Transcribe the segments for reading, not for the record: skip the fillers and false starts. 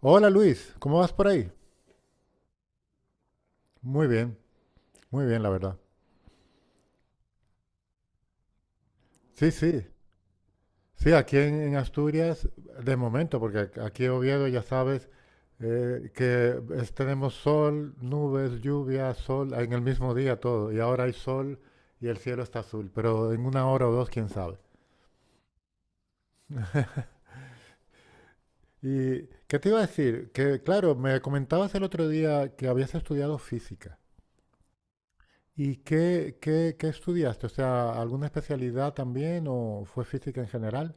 Hola Luis, ¿cómo vas por ahí? Muy bien, muy bien, la verdad. Sí, sí, sí, aquí en Asturias, de momento, porque aquí en Oviedo ya sabes que tenemos sol, nubes, lluvia, sol, en el mismo día todo, y ahora hay sol y el cielo está azul, pero en una hora o dos, quién sabe. ¿Y qué te iba a decir? Que claro, me comentabas el otro día que habías estudiado física. ¿Y qué estudiaste? O sea, ¿alguna especialidad también o fue física en general?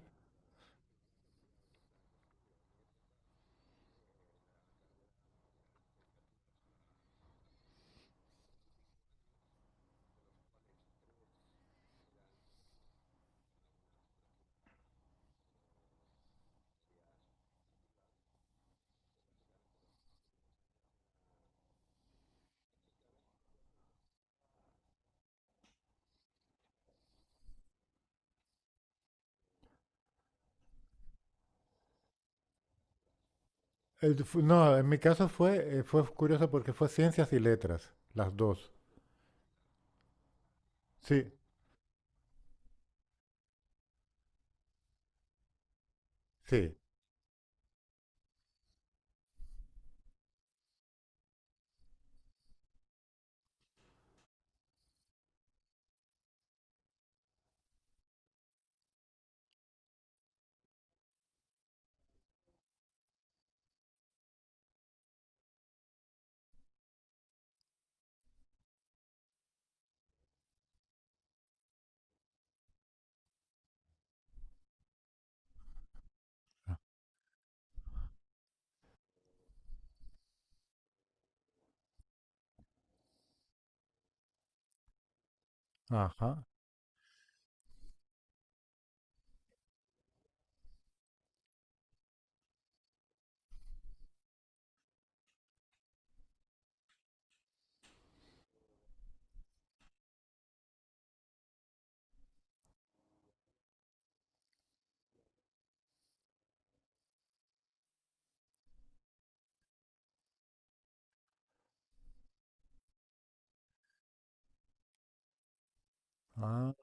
No, en mi caso fue, fue curioso porque fue ciencias y letras, las dos. Sí, sí. Ah, ajá, ah,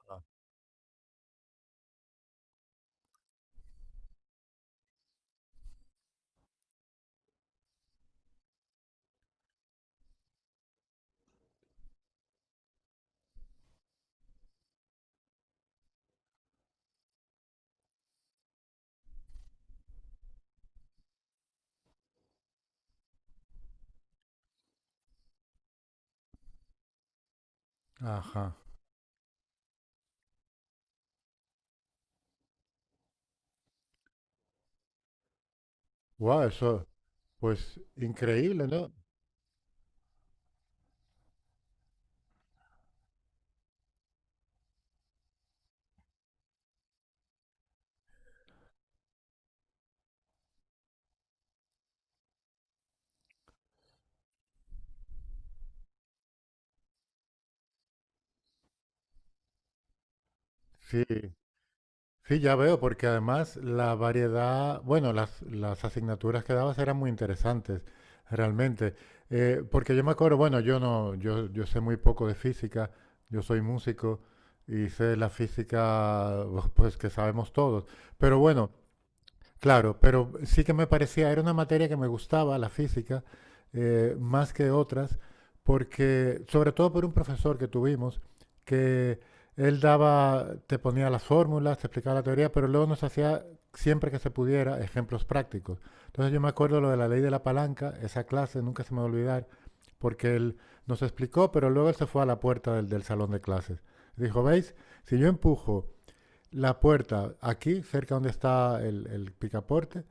ajá. Wow, eso, pues increíble, ¿no? Sí, sí, ya veo, porque además la variedad, bueno, las asignaturas que dabas eran muy interesantes, realmente. Porque yo me acuerdo, bueno, yo no, yo sé muy poco de física, yo soy músico y sé la física, pues que sabemos todos. Pero bueno. Claro, pero sí que me parecía, era una materia que me gustaba, la física, más que otras, porque, sobre todo por un profesor que tuvimos, que él daba, te ponía las fórmulas, te explicaba la teoría, pero luego nos hacía, siempre que se pudiera, ejemplos prácticos. Entonces yo me acuerdo lo de la ley de la palanca, esa clase nunca se me va a olvidar, porque él nos explicó, pero luego él se fue a la puerta del salón de clases. Dijo, ¿veis? Si yo empujo la puerta aquí, cerca donde está el picaporte,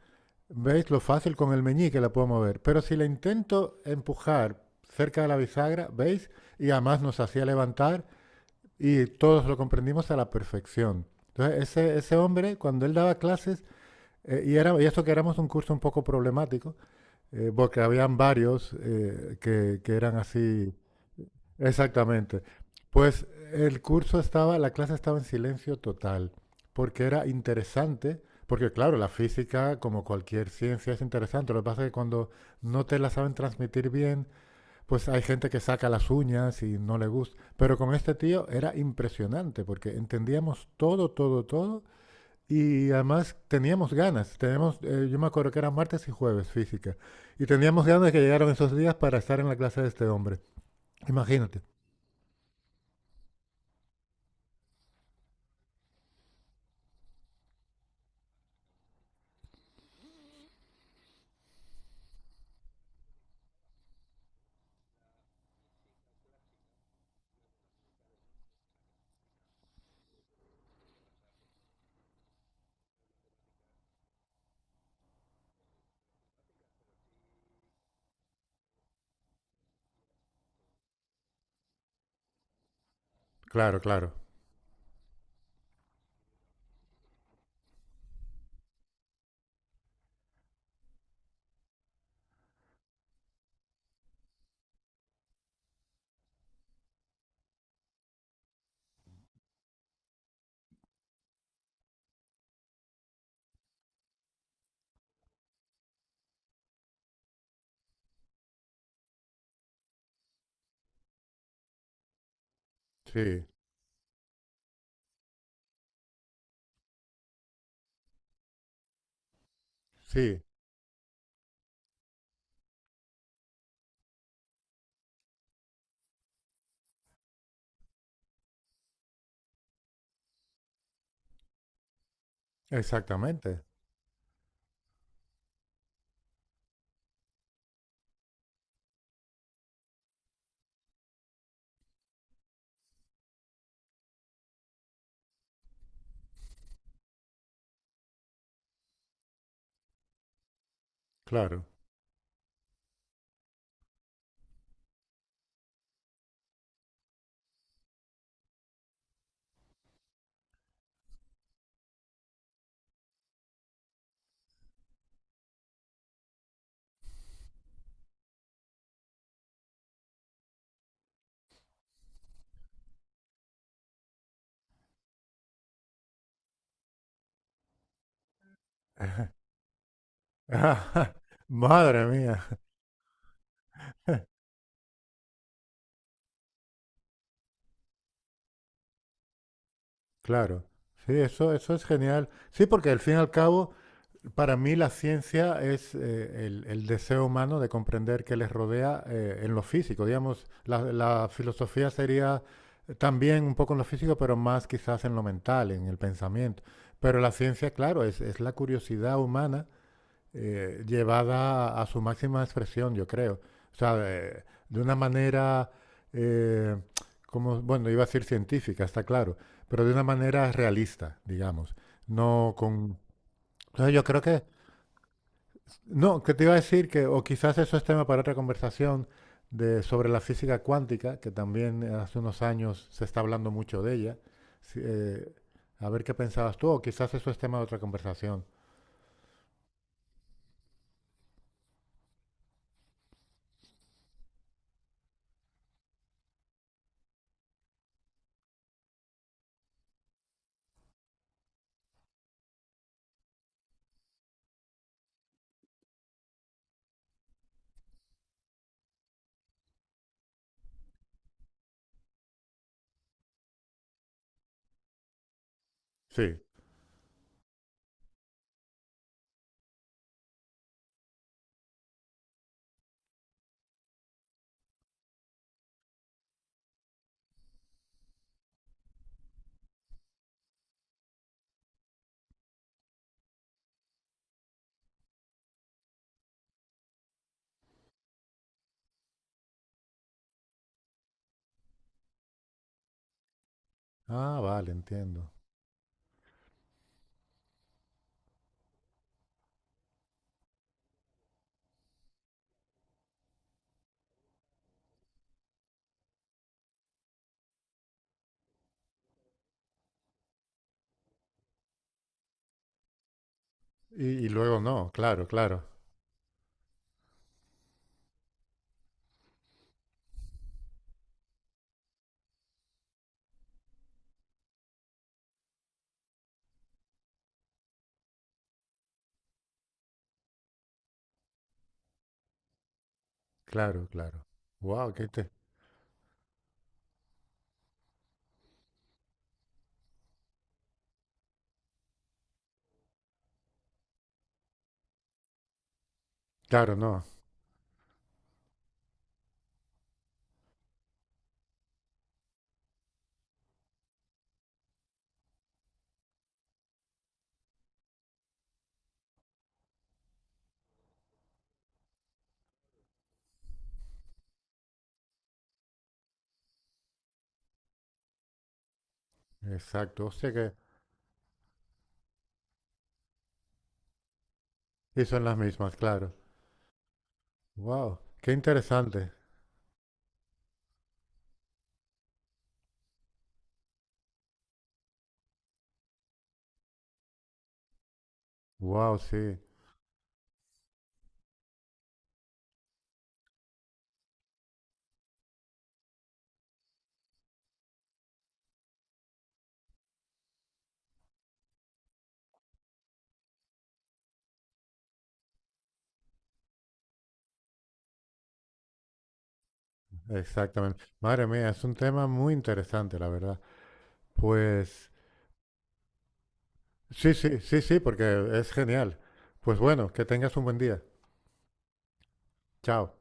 veis lo fácil con el meñique la puedo mover. Pero si la intento empujar cerca de la bisagra, ¿veis? Y además nos hacía levantar y todos lo comprendimos a la perfección. Entonces, ese hombre, cuando él daba clases, era, y esto que éramos un curso un poco problemático, porque habían varios que, eran así. Exactamente. Pues el curso estaba, la clase estaba en silencio total, porque era interesante, porque claro, la física, como cualquier ciencia, es interesante. Lo que pasa es que cuando no te la saben transmitir bien, pues hay gente que saca las uñas y no le gusta. Pero con este tío era impresionante, porque entendíamos todo, y además teníamos ganas. Teníamos, yo me acuerdo que eran martes y jueves física, y teníamos ganas de que llegaran esos días para estar en la clase de este hombre. Imagínate. Claro, claro. Sí, sí, exactamente. Claro. Madre mía, claro. Sí, eso es genial. Sí, porque al fin y al cabo, para mí la ciencia es el deseo humano de comprender qué les rodea en lo físico. Digamos, la filosofía sería también un poco en lo físico, pero más quizás en lo mental, en el pensamiento. Pero la ciencia, claro, es la curiosidad humana llevada a, su máxima expresión, yo creo. O sea, de una manera, eh, como, bueno, iba a decir científica, está claro, pero de una manera realista, digamos. No con... Entonces yo creo que... No, que te iba a decir que, o quizás eso es tema para otra conversación de, sobre la física cuántica, que también hace unos años se está hablando mucho de ella. Si- eh, a ver qué pensabas tú, o quizás eso es tema de otra conversación. Sí. Ah, vale, entiendo. Y luego no, claro, claro, claro, claro. Wow, qué te... Claro, no, exacto. O que y son las mismas, claro. Wow, qué interesante. Wow, sí, exactamente. Madre mía, es un tema muy interesante, la verdad. Pues sí, sí, sí, sí, porque es genial. Pues bueno, que tengas un buen día. Chao.